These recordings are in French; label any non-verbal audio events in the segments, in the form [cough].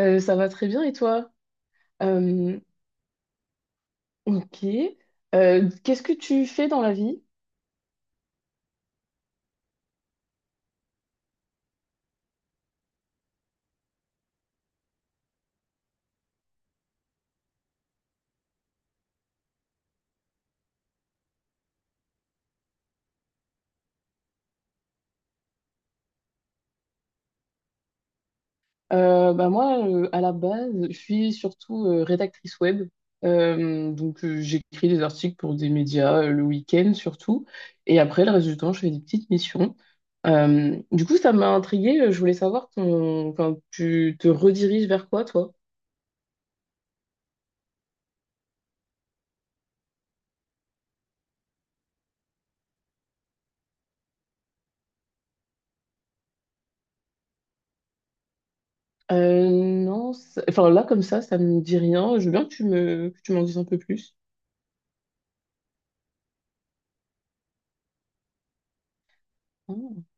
Ça va très bien et toi? Euh, ok. Qu'est-ce que tu fais dans la vie? Bah moi, à la base, je suis surtout rédactrice web. Donc j'écris des articles pour des médias le week-end surtout. Et après, le reste du temps, je fais des petites missions. Du coup, ça m'a intriguée. Je voulais savoir ton, enfin, tu te rediriges vers quoi, toi? Non, enfin là, comme ça me dit rien. Je veux bien que que tu m'en dises un peu plus. Ah.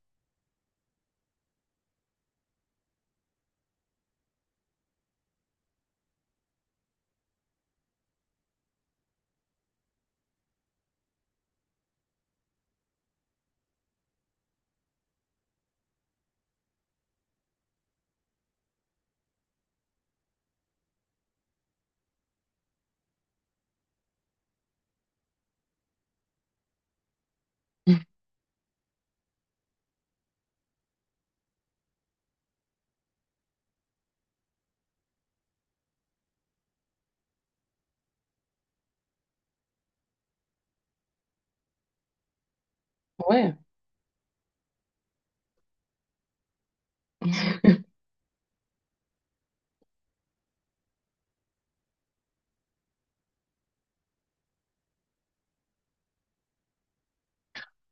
[laughs] Ouais.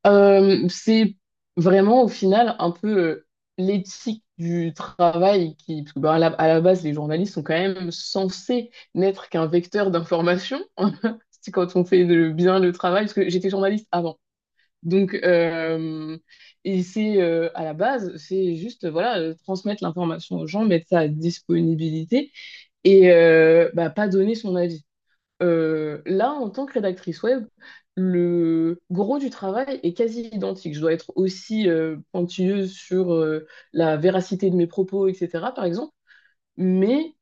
C'est vraiment au final un peu l'éthique du travail qui, parce que, bah, à la base, les journalistes sont quand même censés n'être qu'un vecteur d'information. [laughs] C'est quand on fait bien le travail, parce que j'étais journaliste avant. Donc, et c'est à la base, c'est juste voilà, transmettre l'information aux gens, mettre ça à disponibilité et bah, pas donner son avis. Là, en tant que rédactrice web, le gros du travail est quasi identique. Je dois être aussi pointilleuse sur la véracité de mes propos, etc., par exemple. Mais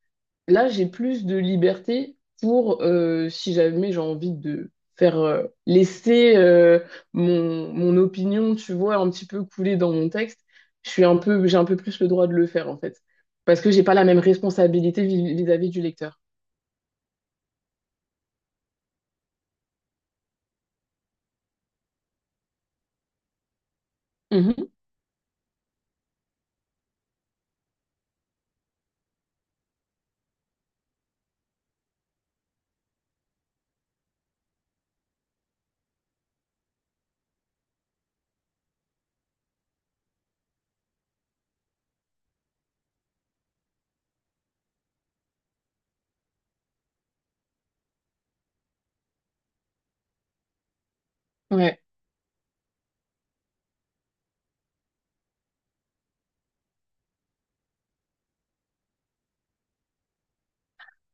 là, j'ai plus de liberté pour, si jamais j'ai envie de faire laisser mon opinion, tu vois, un petit peu couler dans mon texte, je suis j'ai un peu plus le droit de le faire, en fait. Parce que j'ai pas la même responsabilité vis-à-vis du lecteur. Mhm. Ouais.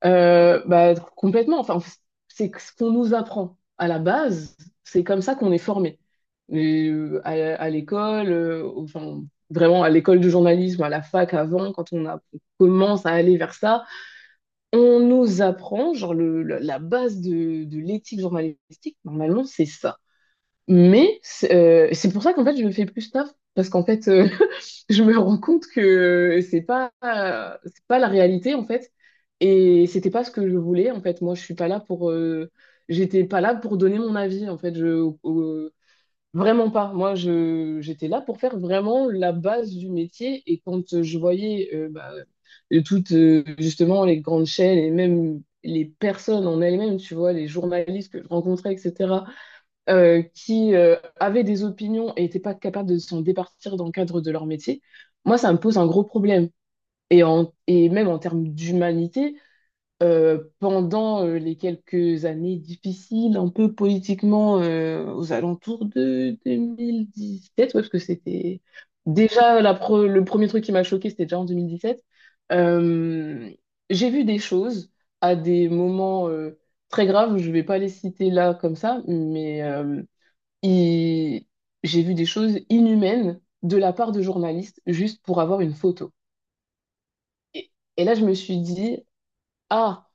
Bah, complètement. Enfin, c'est ce qu'on nous apprend à la base. C'est comme ça qu'on est formé. Et, à l'école, enfin, vraiment à l'école de journalisme, à la fac avant, quand on commence à aller vers ça, on nous apprend, genre, la base de l'éthique journalistique, normalement, c'est ça. Mais c'est pour ça qu'en fait, je me fais plus taf, parce qu'en fait, [laughs] je me rends compte que c'est pas la réalité, en fait. Et c'était pas ce que je voulais, en fait. Moi, je suis pas là pour. J'étais pas là pour donner mon avis, en fait. Euh, Vraiment pas. Moi, j'étais là pour faire vraiment la base du métier. Et quand je voyais bah, toutes, justement, les grandes chaînes et même les personnes en elles-mêmes, tu vois, les journalistes que je rencontrais, etc qui avaient des opinions et n'étaient pas capables de s'en départir dans le cadre de leur métier, moi, ça me pose un gros problème. Et, et même en termes d'humanité, pendant les quelques années difficiles, un peu politiquement, aux alentours de 2017, ouais, parce que c'était déjà la le premier truc qui m'a choqué, c'était déjà en 2017, euh, j'ai vu des choses à des moments très graves, je ne vais pas les citer là comme ça, mais et j'ai vu des choses inhumaines de la part de journalistes juste pour avoir une photo. Et, et là, je me suis dit, ah,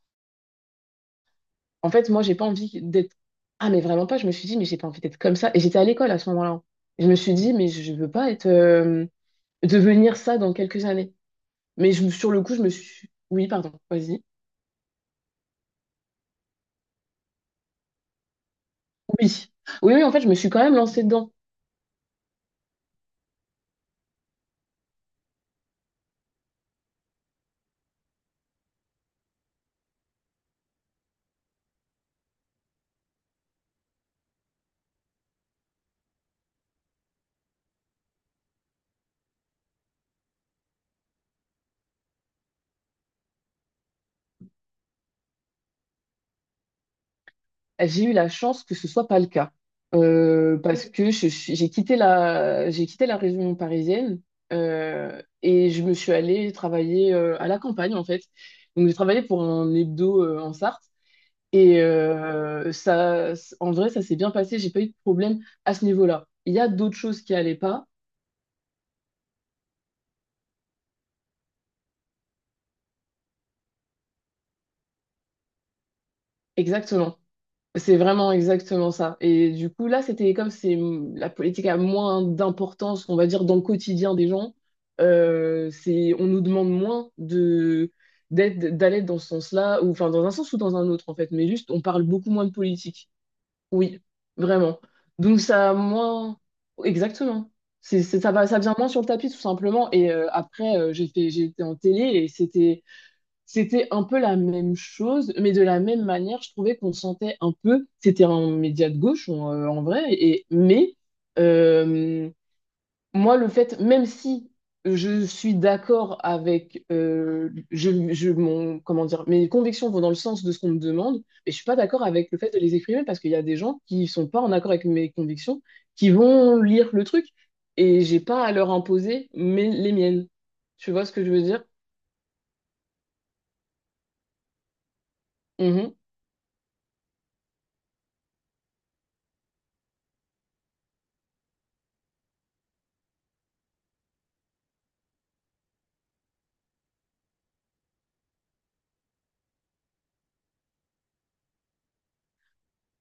en fait, moi, j'ai pas envie d'être. Ah, mais vraiment pas. Je me suis dit, mais j'ai pas envie d'être comme ça. Et j'étais à l'école à ce moment-là. Je me suis dit, mais je veux pas être, devenir ça dans quelques années. Mais sur le coup, je me suis. Oui, pardon, vas-y. Oui. Oui, oui, en fait, je me suis quand même lancée dedans. J'ai eu la chance que ce soit pas le cas. Parce que j'ai quitté j'ai quitté la région parisienne et je me suis allée travailler à la campagne en fait. Donc j'ai travaillé pour un hebdo en Sarthe et ça, en vrai, ça s'est bien passé. J'ai pas eu de problème à ce niveau-là. Il y a d'autres choses qui allaient pas, exactement. C'est vraiment exactement ça. Et du coup, là, c'est la politique a moins d'importance, on va dire, dans le quotidien des gens. C'est, on nous demande moins de d'aller dans ce sens-là, ou enfin dans un sens ou dans un autre en fait. Mais juste, on parle beaucoup moins de politique. Oui, vraiment. Donc ça a moins, exactement. Ça va, ça vient moins sur le tapis tout simplement. Et après, j'ai été en télé et c'était un peu la même chose, mais de la même manière, je trouvais qu'on sentait un peu, c'était un média de gauche en, en vrai, mais euh, moi, le fait, même si je suis d'accord avec mon, comment dire, mes convictions vont dans le sens de ce qu'on me demande, mais je suis pas d'accord avec le fait de les exprimer parce qu'il y a des gens qui sont pas en accord avec mes convictions, qui vont lire le truc, et j'ai pas à leur imposer les miennes. Tu vois ce que je veux dire? Mhm.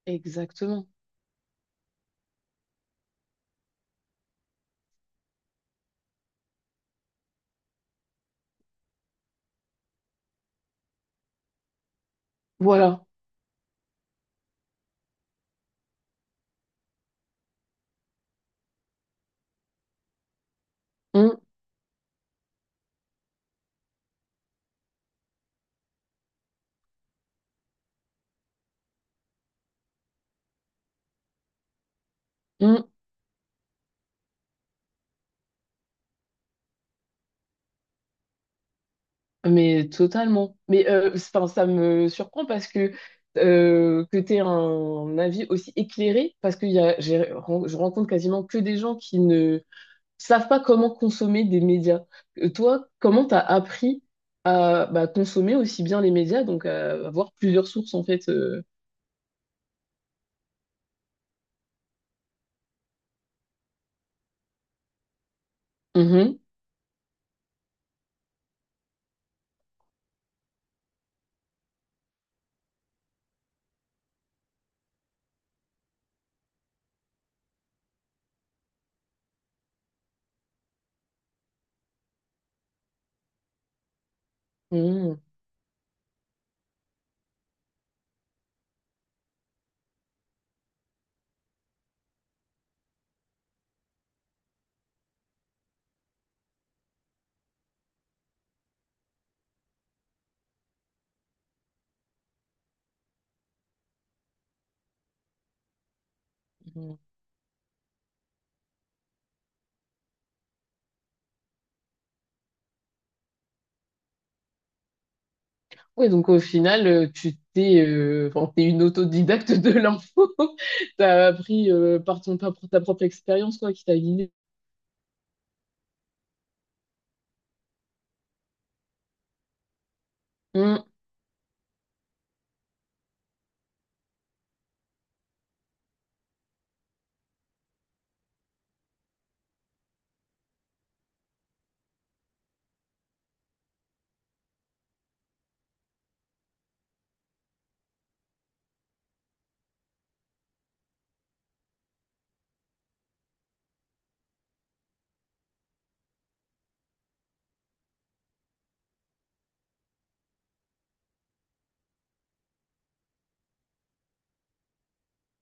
Exactement. Voilà. Hum, hum. Mais totalement. 'Fin, ça me surprend parce que tu aies un avis aussi éclairé, parce que y a, j'ai- ren- je rencontre quasiment que des gens qui ne savent pas comment consommer des médias. Toi, comment tu as appris à bah, consommer aussi bien les médias, donc à avoir plusieurs sources en fait. Mhm. Mhm. Oui, donc au final, tu t'es enfin, t'es une autodidacte de l'info. [laughs] T'as appris par par ta propre expérience, quoi, qui t'a guidé. Mm,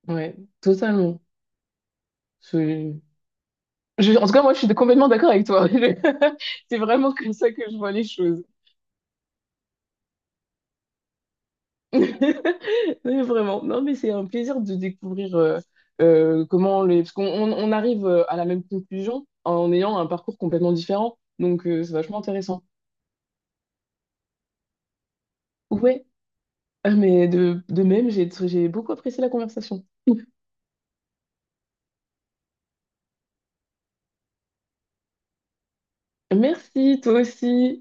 ouais, totalement. Je- En tout cas, moi, je suis complètement d'accord avec toi. [laughs] Je- C'est vraiment comme ça que je vois les choses. [laughs] Mais vraiment. Non, mais c'est un plaisir de découvrir comment les… Parce qu'on arrive à la même conclusion en ayant un parcours complètement différent. Donc, c'est vachement intéressant. Ouais. Ah, mais de même, j'ai beaucoup apprécié la conversation. [laughs] Merci, toi aussi.